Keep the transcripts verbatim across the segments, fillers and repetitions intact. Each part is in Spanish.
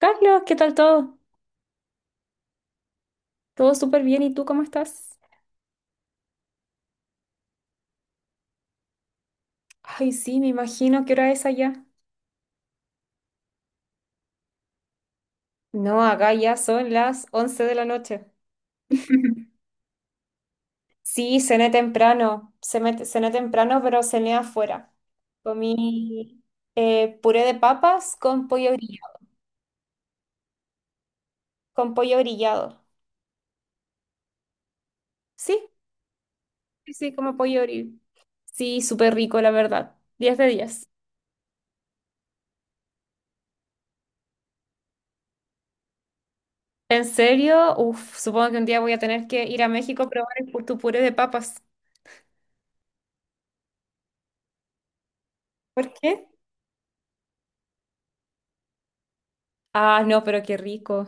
Carlos, ¿qué tal todo? Todo súper bien, ¿y tú cómo estás? Ay, sí, me imagino qué hora es allá. No, acá ya son las once de la noche. Sí, cené temprano, cené, cené temprano, pero cené afuera. Comí eh, puré de papas con pollo brillado. Con pollo brillado. Sí, sí, sí, como pollo brillado. Sí, súper rico, la verdad. Diez de diez. ¿En serio? Uf, supongo que un día voy a tener que ir a México a probar el pu- tu puré de papas. ¿Por qué? Ah, no, pero qué rico.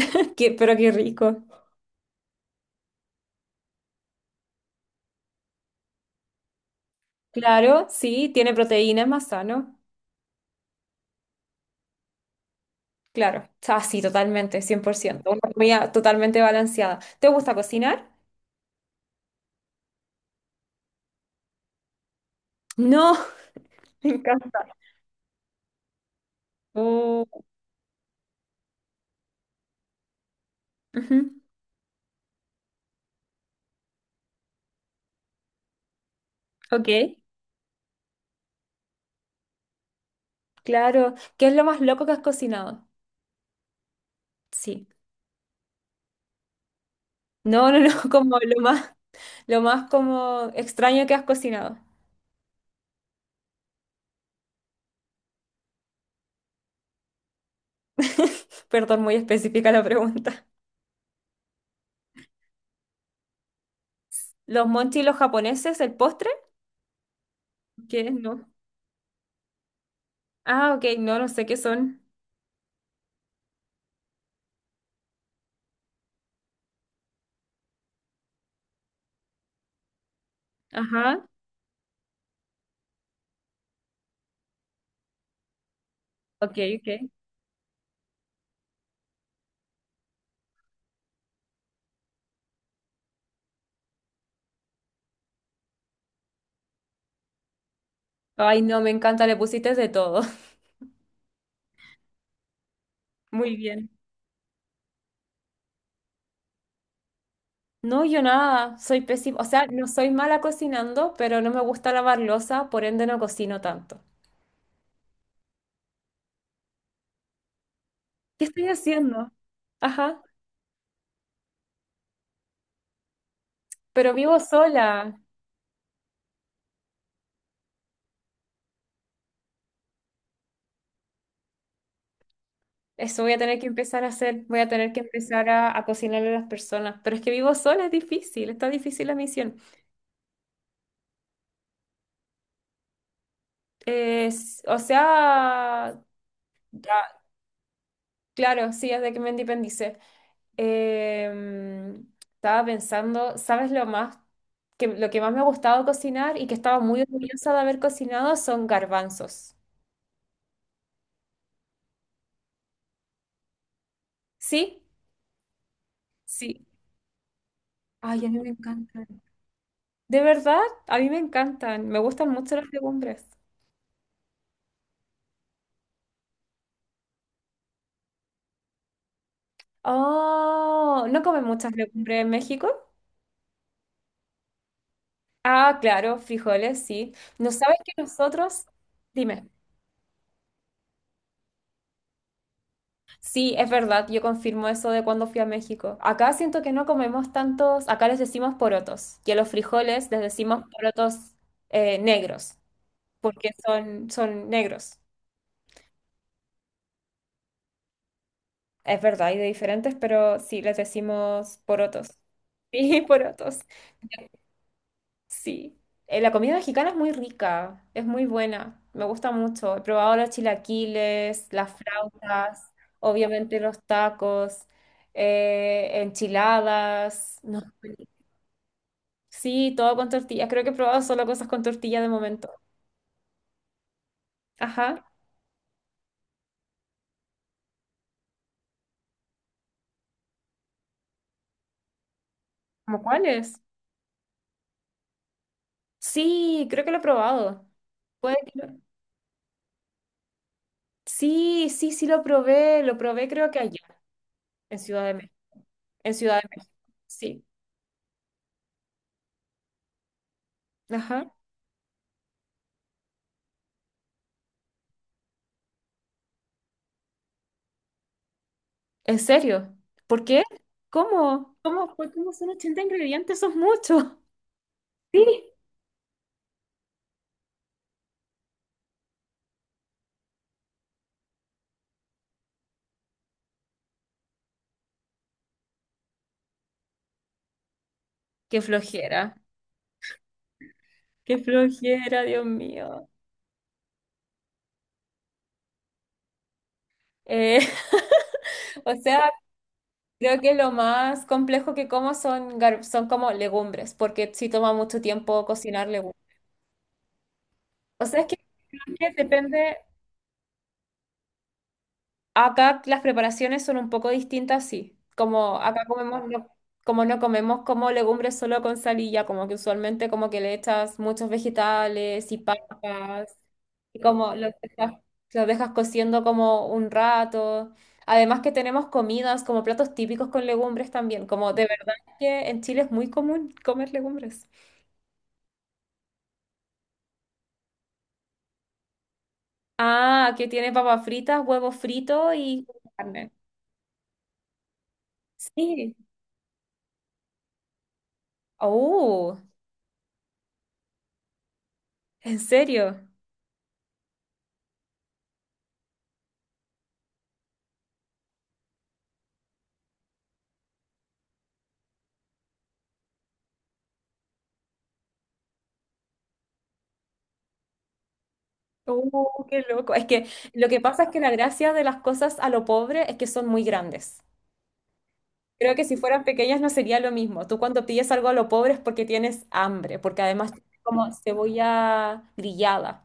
Qué- pero qué rico. Claro, sí, tiene proteína, es más sano. Claro. Ah, sí, totalmente, cien por ciento. Una comida totalmente balanceada. ¿Te gusta cocinar? No, me encanta. Oh, ujú, ok. Claro. ¿Qué es lo más loco que has cocinado? Sí. No, no, no, como lo más, lo más como extraño que has cocinado. Perdón, muy específica la pregunta. ¿Los monchi los japoneses, el postre? ¿Qué? No. Ah, ok, no, no sé qué son. Ajá, ok, ok. Ay, no, me encanta, le pusiste de todo. Muy bien. No, yo nada, soy pésima, o sea, no soy mala cocinando, pero no me gusta lavar loza, por ende no cocino tanto. ¿Qué estoy haciendo? Ajá, pero vivo sola. Eso voy a tener que empezar a hacer, voy a tener que empezar a, a cocinarle a las personas, pero es que vivo sola, es difícil, está difícil la misión. Es- o sea, ya, claro, sí, desde que me independicé. Em, estaba pensando, ¿sabes lo más que lo que más me ha gustado cocinar y que estaba muy orgullosa de haber cocinado son garbanzos? ¿Sí? Sí. Ay, a mí me encantan. ¿De verdad? A mí me encantan. Me gustan mucho las legumbres. Oh, ¿no comen muchas legumbres en México? Ah, claro, frijoles, sí. ¿No sabes que nosotros? Dime. Sí, es verdad, yo confirmo eso de cuando fui a México. Acá siento que no comemos tantos, acá les decimos porotos, y a los frijoles les decimos porotos eh, negros, porque son, son negros. Es verdad, hay de diferentes, pero sí, les decimos porotos. Sí, porotos, sí. Eh, la comida mexicana es muy rica, es muy buena, me gusta mucho. He probado los chilaquiles, las flautas, obviamente los tacos, eh, enchiladas. No. Sí, todo con tortillas. Creo que he probado solo cosas con tortilla de momento. Ajá. ¿Cómo cuáles? Sí, creo que lo he probado. Puede que lo- Sí, sí, sí lo probé. Lo probé creo que allá, en Ciudad de México. En Ciudad de México. Sí. Ajá. ¿En serio? ¿Por qué? ¿Cómo? ¿Cómo? Pues como son ochenta ingredientes, son muchos. Sí. Qué flojera. Qué flojera, Dios mío. Eh, o sea, creo que lo más complejo que como son, gar- son como legumbres, porque sí toma mucho tiempo cocinar legumbres. O sea, es que creo que depende, acá las preparaciones son un poco distintas, sí. Como acá comemos, no- como no comemos como legumbres solo con salilla, como que usualmente como que le echas muchos vegetales y papas, y como los dejas, los dejas cociendo como un rato. Además que tenemos comidas como platos típicos con legumbres también, como de verdad que en Chile es muy común comer legumbres. Ah, que tiene papas fritas, huevos fritos y carne. Sí. Oh, ¿en serio? Oh, qué loco. Es que lo que pasa es que la gracia de las cosas a lo pobre es que son muy grandes. Creo que si fueran pequeñas no sería lo mismo. Tú cuando pides algo a lo pobre es porque tienes hambre, porque además tiene como cebolla grillada.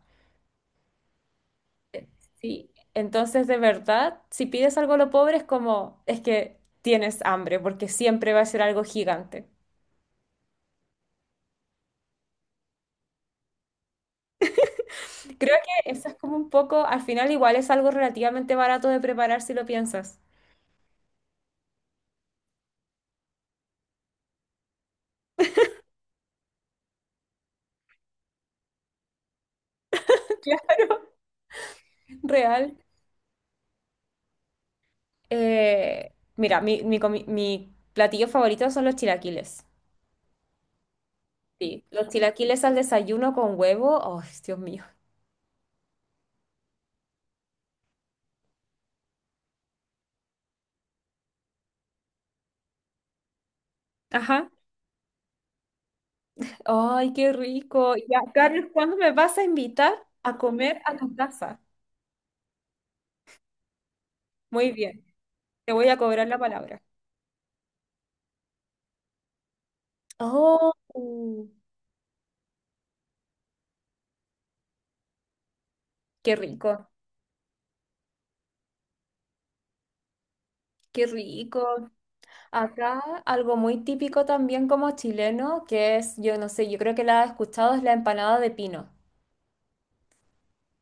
Sí. Entonces, de verdad, si pides algo a lo pobre es como, es que tienes hambre, porque siempre va a ser algo gigante. Creo que eso es como un poco, al final igual es algo relativamente barato de preparar si lo piensas. Claro. Real. Eh, mira, mi, mi, comi- mi platillo favorito son los chilaquiles. Sí, los chilaquiles al desayuno con huevo. ¡Oh, Dios mío! Ajá. ¡Ay, qué rico! Ya, Carlos, ¿cuándo me vas a invitar a comer a tu casa? Muy bien, te voy a cobrar la palabra. ¡Oh! ¡Qué rico! ¡Qué rico! Acá algo muy típico también como chileno, que es, yo no sé, yo creo que la has escuchado, es la empanada de pino,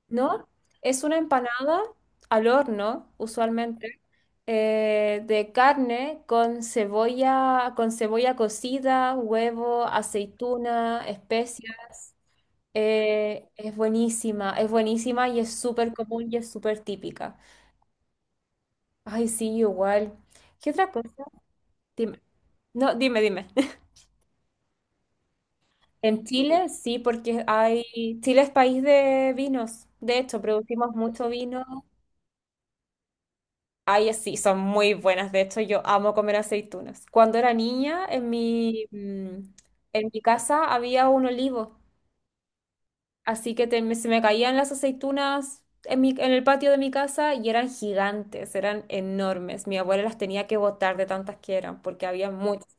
¿no? Es una empanada al horno, usualmente, eh, de carne con cebolla, con cebolla cocida, huevo, aceituna, especias. Eh, es buenísima, es buenísima y es súper común y es súper típica. Ay, sí, igual. ¿Qué otra cosa? Dime. No, dime, dime. En Chile, sí, porque hay, Chile es país de vinos. De hecho, producimos mucho vino. Ay, sí, son muy buenas. De hecho, yo amo comer aceitunas. Cuando era niña, en mi, mm, en mi casa había un olivo, así que te- me- se me caían las aceitunas en mi, en el patio de mi casa y eran gigantes, eran enormes. Mi abuela las tenía que botar de tantas que eran, porque había muchas.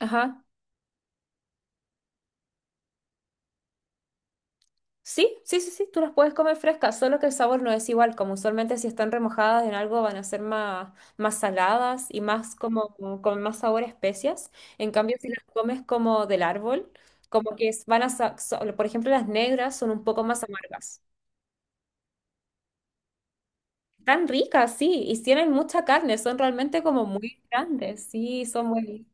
Ajá. Sí, sí, sí, sí, tú las puedes comer frescas, solo que el sabor no es igual, como usualmente si están remojadas en algo van a ser más, más saladas y más como como con más sabor a especias. En cambio, si las comes como del árbol, como que es- van a, sa- so- por ejemplo, las negras son un poco más amargas. Tan ricas, sí, y tienen mucha carne, son realmente como muy grandes, sí, son muy...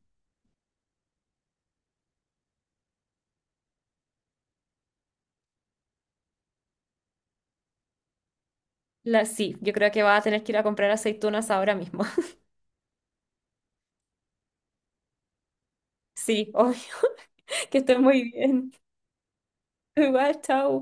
Las, sí, yo creo que vas a tener que ir a comprar aceitunas ahora mismo. Sí, obvio, que estén muy bien. Igual, chao.